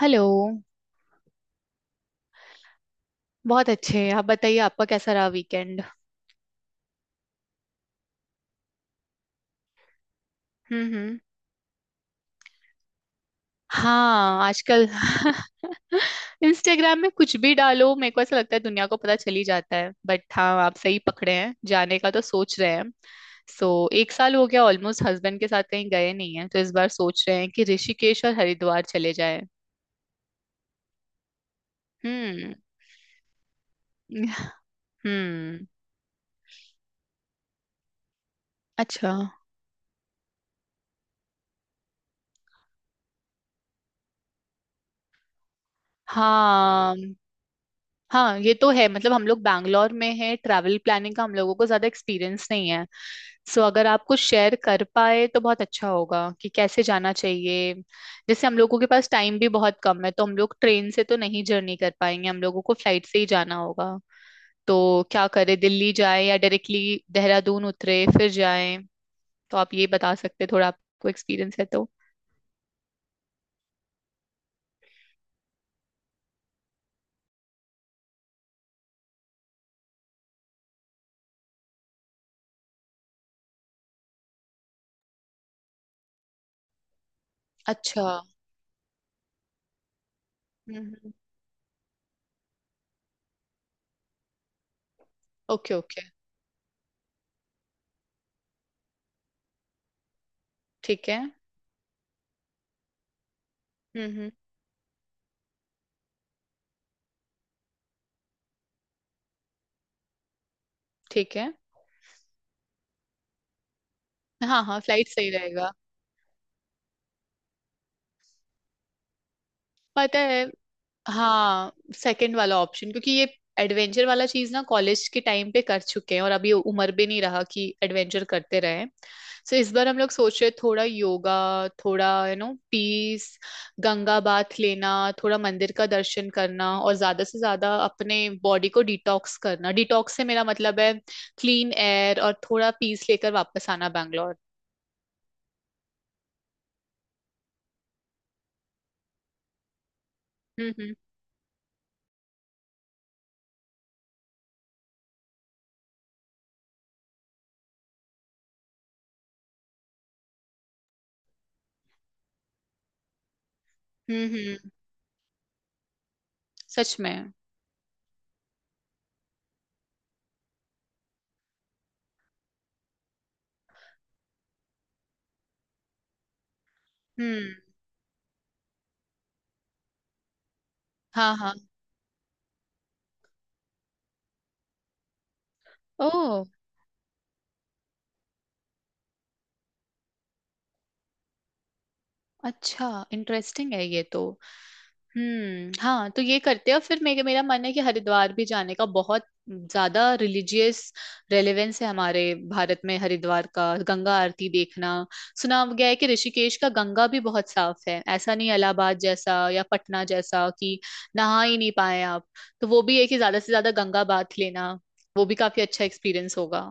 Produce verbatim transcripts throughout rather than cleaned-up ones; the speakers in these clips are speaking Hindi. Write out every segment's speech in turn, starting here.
हेलो। बहुत अच्छे, आप बताइए आपका कैसा रहा वीकेंड? हम्म हम्म। हाँ, आजकल इंस्टाग्राम में कुछ भी डालो मेरे को ऐसा लगता है दुनिया को पता चल ही जाता है। बट हाँ, आप सही पकड़े हैं, जाने का तो सोच रहे हैं। सो एक साल हो गया ऑलमोस्ट हस्बैंड के साथ कहीं गए नहीं है, तो इस बार सोच रहे हैं कि ऋषिकेश और हरिद्वार चले जाएं। हम्म। हम्म। अच्छा। हाँ हाँ, ये तो है। मतलब हम लोग बैंगलोर में हैं, ट्रैवल प्लानिंग का हम लोगों को ज्यादा एक्सपीरियंस नहीं है। सो अगर आप कुछ शेयर कर पाए तो बहुत अच्छा होगा कि कैसे जाना चाहिए। जैसे हम लोगों के पास टाइम भी बहुत कम है, तो हम लोग ट्रेन से तो नहीं जर्नी कर पाएंगे, हम लोगों को फ्लाइट से ही जाना होगा। तो क्या करे, दिल्ली जाए या डायरेक्टली देहरादून उतरे फिर जाए? तो आप ये बता सकते हैं, थोड़ा आपको एक्सपीरियंस है तो। अच्छा। हम्म। ओके ओके, ठीक है। हम्म। ठीक है। हाँ हाँ, फ्लाइट सही रहेगा। पता है, हाँ, सेकंड वाला ऑप्शन, क्योंकि ये एडवेंचर वाला चीज ना कॉलेज के टाइम पे कर चुके हैं, और अभी उम्र भी नहीं रहा कि एडवेंचर करते रहें। सो इस बार हम लोग सोच रहे थोड़ा योगा, थोड़ा you know peace, Ganga bath लेना, थोड़ा मंदिर का दर्शन करना, और ज्यादा से ज्यादा अपने बॉडी को डिटॉक्स करना। डिटॉक्स से मेरा मतलब है क्लीन एयर और थोड़ा पीस लेकर वापस आना बैंगलोर। हम्म हम्म। हम्म हम्म, सच में। हम्म। हाँ हाँ। ओह। अच्छा, इंटरेस्टिंग है ये तो। हम्म, हाँ तो ये करते हैं। और फिर मेरे मेरा मन है कि हरिद्वार भी जाने का। बहुत ज्यादा रिलीजियस रेलेवेंस है हमारे भारत में हरिद्वार का, गंगा आरती देखना। सुना गया है कि ऋषिकेश का गंगा भी बहुत साफ है, ऐसा नहीं इलाहाबाद जैसा या पटना जैसा कि नहा ही नहीं पाए आप। तो वो भी है कि ज्यादा से ज्यादा गंगा बाथ लेना, वो भी काफी अच्छा एक्सपीरियंस होगा।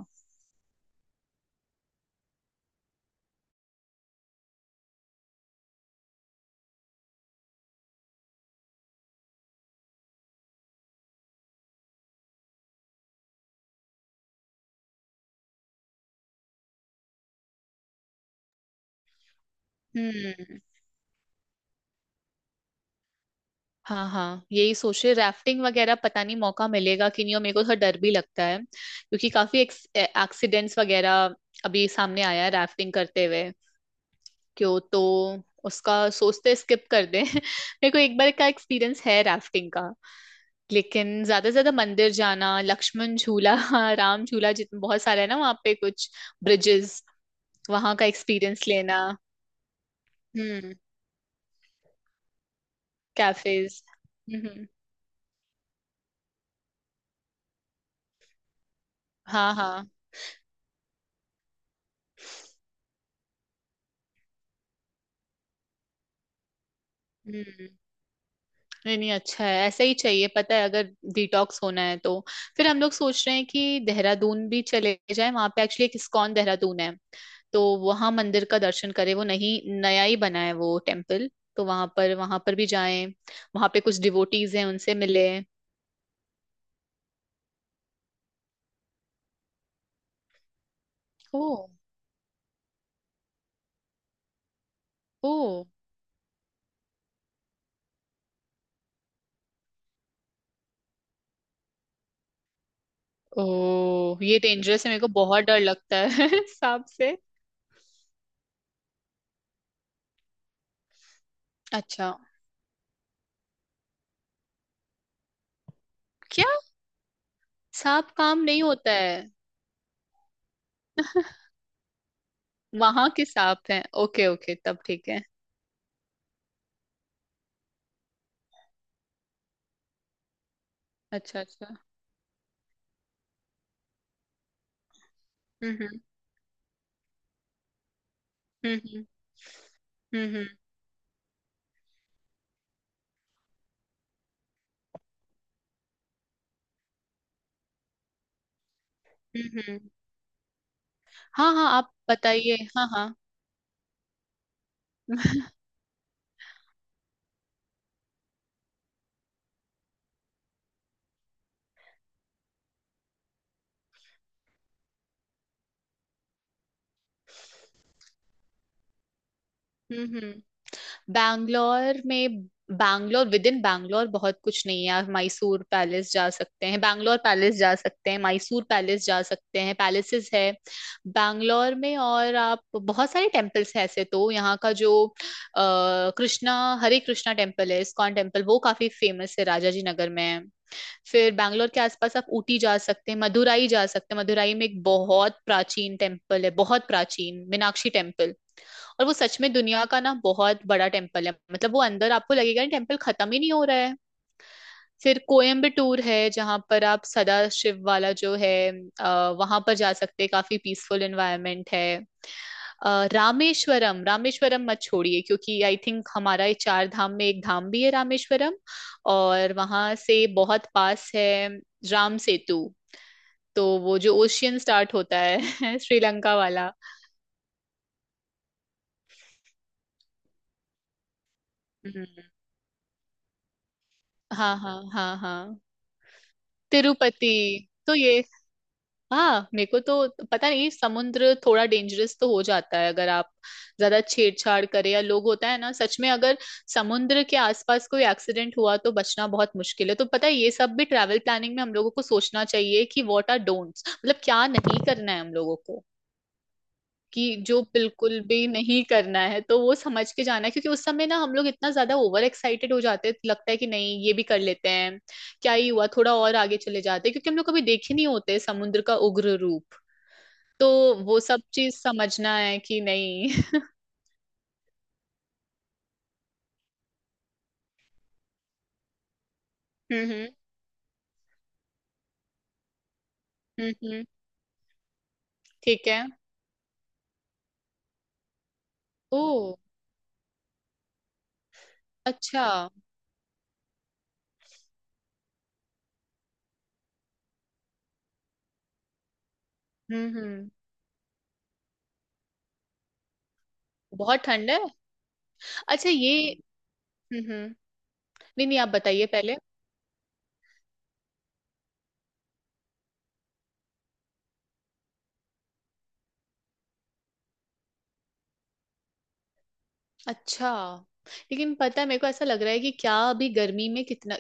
हम्म। हाँ हाँ, यही सोच रहे। राफ्टिंग वगैरह पता नहीं मौका मिलेगा कि नहीं, और मेरे को थोड़ा डर भी लगता है, क्योंकि काफी एक्सीडेंट्स वगैरह अभी सामने आया है राफ्टिंग करते हुए। क्यों तो उसका सोचते स्किप कर दें। मेरे को एक बार का एक्सपीरियंस है राफ्टिंग का। लेकिन ज्यादा से ज्यादा मंदिर जाना, लक्ष्मण झूला, हाँ, राम झूला, जितने बहुत सारे है ना वहाँ पे कुछ ब्रिजेस, वहाँ का एक्सपीरियंस लेना। हम्म, कैफेज। हम्म। हाँ हाँ। हम्म। नहीं नहीं, अच्छा है, ऐसा ही चाहिए। पता है, अगर डिटॉक्स होना है तो। फिर हम लोग सोच रहे हैं कि देहरादून भी चले जाएं, वहां पे एक्चुअली एक इस्कॉन देहरादून है, तो वहां मंदिर का दर्शन करें। वो नहीं नया ही बना है वो टेम्पल, तो वहां पर वहां पर भी जाएं, वहां पे कुछ डिवोटीज हैं उनसे मिले। ओ। ओ। ओ, ये डेंजरस है, मेरे को बहुत डर लगता है सांप से। अच्छा, क्या सांप काम नहीं होता है? वहां के सांप हैं, ओके ओके, तब ठीक है। अच्छा अच्छा। हम्म हम्म। हम्म हम्म। हम्म हम्म। हम्म। हाँ हाँ, आप बताइए, हाँ हाँ। हम्म हम्म। बैंगलोर में, बैंगलोर विद इन बैंगलोर बहुत कुछ नहीं है। आप मैसूर पैलेस जा सकते हैं, बैंगलोर पैलेस जा सकते हैं, मैसूर पैलेस जा सकते हैं, पैलेसेस है बैंगलोर में। और आप, बहुत सारे टेम्पल्स हैं ऐसे तो। यहाँ का जो अ, कृष्णा, हरे कृष्णा टेम्पल है, इस्कॉन टेम्पल, वो काफी फेमस है राजाजी नगर में। फिर बैंगलोर के आसपास आप ऊटी जा सकते हैं, मदुराई जा सकते हैं। मदुराई में एक बहुत प्राचीन टेम्पल है, बहुत प्राचीन मीनाक्षी टेम्पल, और वो सच में दुनिया का ना बहुत बड़ा टेम्पल है। मतलब वो अंदर आपको लगेगा टेम्पल खत्म ही नहीं हो रहा है। फिर कोयम्बटूर है जहाँ पर आप सदा शिव वाला जो है आ, वहां पर जा सकते हैं, काफी पीसफुल एनवायरनमेंट है। अ, रामेश्वरम, रामेश्वरम मत छोड़िए, क्योंकि आई थिंक हमारा ये चार धाम में एक धाम भी है रामेश्वरम। और वहां से बहुत पास है राम सेतु, तो वो जो ओशियन स्टार्ट होता है श्रीलंका वाला। हम्म। हाँ हाँ हाँ हाँ। तिरुपति, तो ये। हाँ मेरे को तो पता नहीं, समुद्र थोड़ा डेंजरस तो हो जाता है अगर आप ज्यादा छेड़छाड़ करें। या लोग, होता है ना सच में, अगर समुद्र के आसपास कोई एक्सीडेंट हुआ तो बचना बहुत मुश्किल है। तो पता है, ये सब भी ट्रैवल प्लानिंग में हम लोगों को सोचना चाहिए कि व्हाट आर डोंट्स, मतलब क्या नहीं करना है हम लोगों को, कि जो बिल्कुल भी नहीं करना है, तो वो समझ के जाना है। क्योंकि उस समय ना हम लोग इतना ज्यादा ओवर एक्साइटेड हो जाते हैं, लगता है कि नहीं ये भी कर लेते हैं, क्या ही हुआ, थोड़ा और आगे चले जाते हैं, क्योंकि हम लोग कभी देखे नहीं होते समुद्र का उग्र रूप। तो वो सब चीज समझना है कि नहीं। हम्म हम्म। हम्म हम्म, ठीक है। ओ। अच्छा। हम्म हम्म। बहुत ठंड है। अच्छा ये। हम्म हम्म। नहीं नहीं, आप बताइए पहले। अच्छा, लेकिन पता है मेरे को ऐसा लग रहा है कि क्या अभी गर्मी में कितना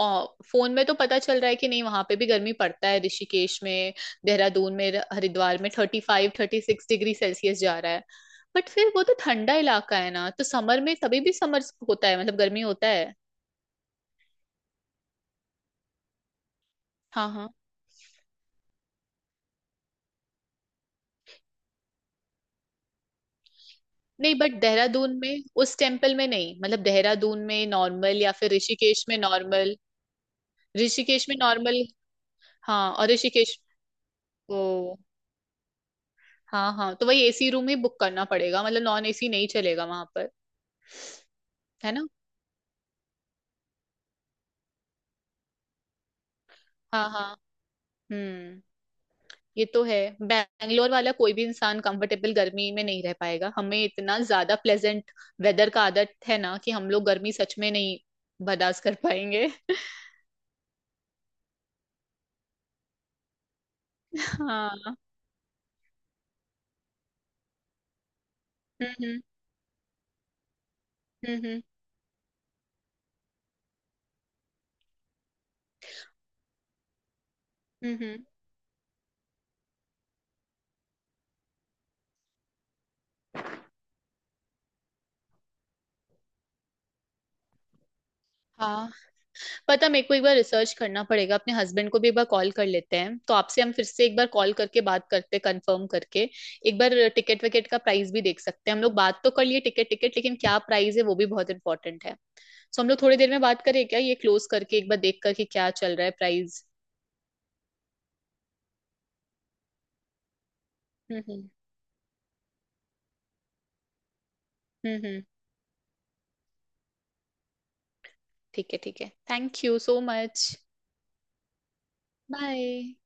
आ, फोन में तो पता चल रहा है कि नहीं वहां पे भी गर्मी पड़ता है। ऋषिकेश में, देहरादून में, हरिद्वार में thirty five thirty six degree Celsius जा रहा है। बट फिर वो तो ठंडा इलाका है ना, तो समर में तभी भी समर होता है, मतलब गर्मी होता है। हाँ हाँ। नहीं बट देहरादून में, उस टेम्पल में नहीं, मतलब देहरादून में नॉर्मल, या फिर ऋषिकेश में नॉर्मल? ऋषिकेश में नॉर्मल? हाँ, और ऋषिकेश? ओ। हाँ हाँ, तो वही एसी रूम ही बुक करना पड़ेगा, मतलब नॉन एसी नहीं चलेगा वहां पर, है ना। हाँ हाँ। हम्म। ये तो है। बैंगलोर वाला कोई भी इंसान कंफर्टेबल गर्मी में नहीं रह पाएगा, हमें इतना ज्यादा प्लेजेंट वेदर का आदत है ना कि हम लोग गर्मी सच में नहीं बर्दाश्त कर पाएंगे। हाँ। हम्म हम्म। हम्म हम्म। हम्म हम्म, हाँ, पता, मेरे को एक बार रिसर्च करना पड़ेगा, अपने हस्बैंड को भी एक बार कॉल कर लेते हैं, तो आपसे हम फिर से एक बार कॉल करके बात करते, कंफर्म करके। एक बार टिकट विकेट का प्राइस भी देख सकते हैं हम लोग, बात तो कर लिए, टिकट टिकट लेकिन क्या प्राइस है वो भी बहुत इंपॉर्टेंट है। सो हम लोग थोड़ी देर में बात करें क्या, ये क्लोज करके एक बार देख करके क्या चल रहा है प्राइस। हम्म हम्म। हम्म हम्म, ठीक है ठीक है, thank you so much. Bye.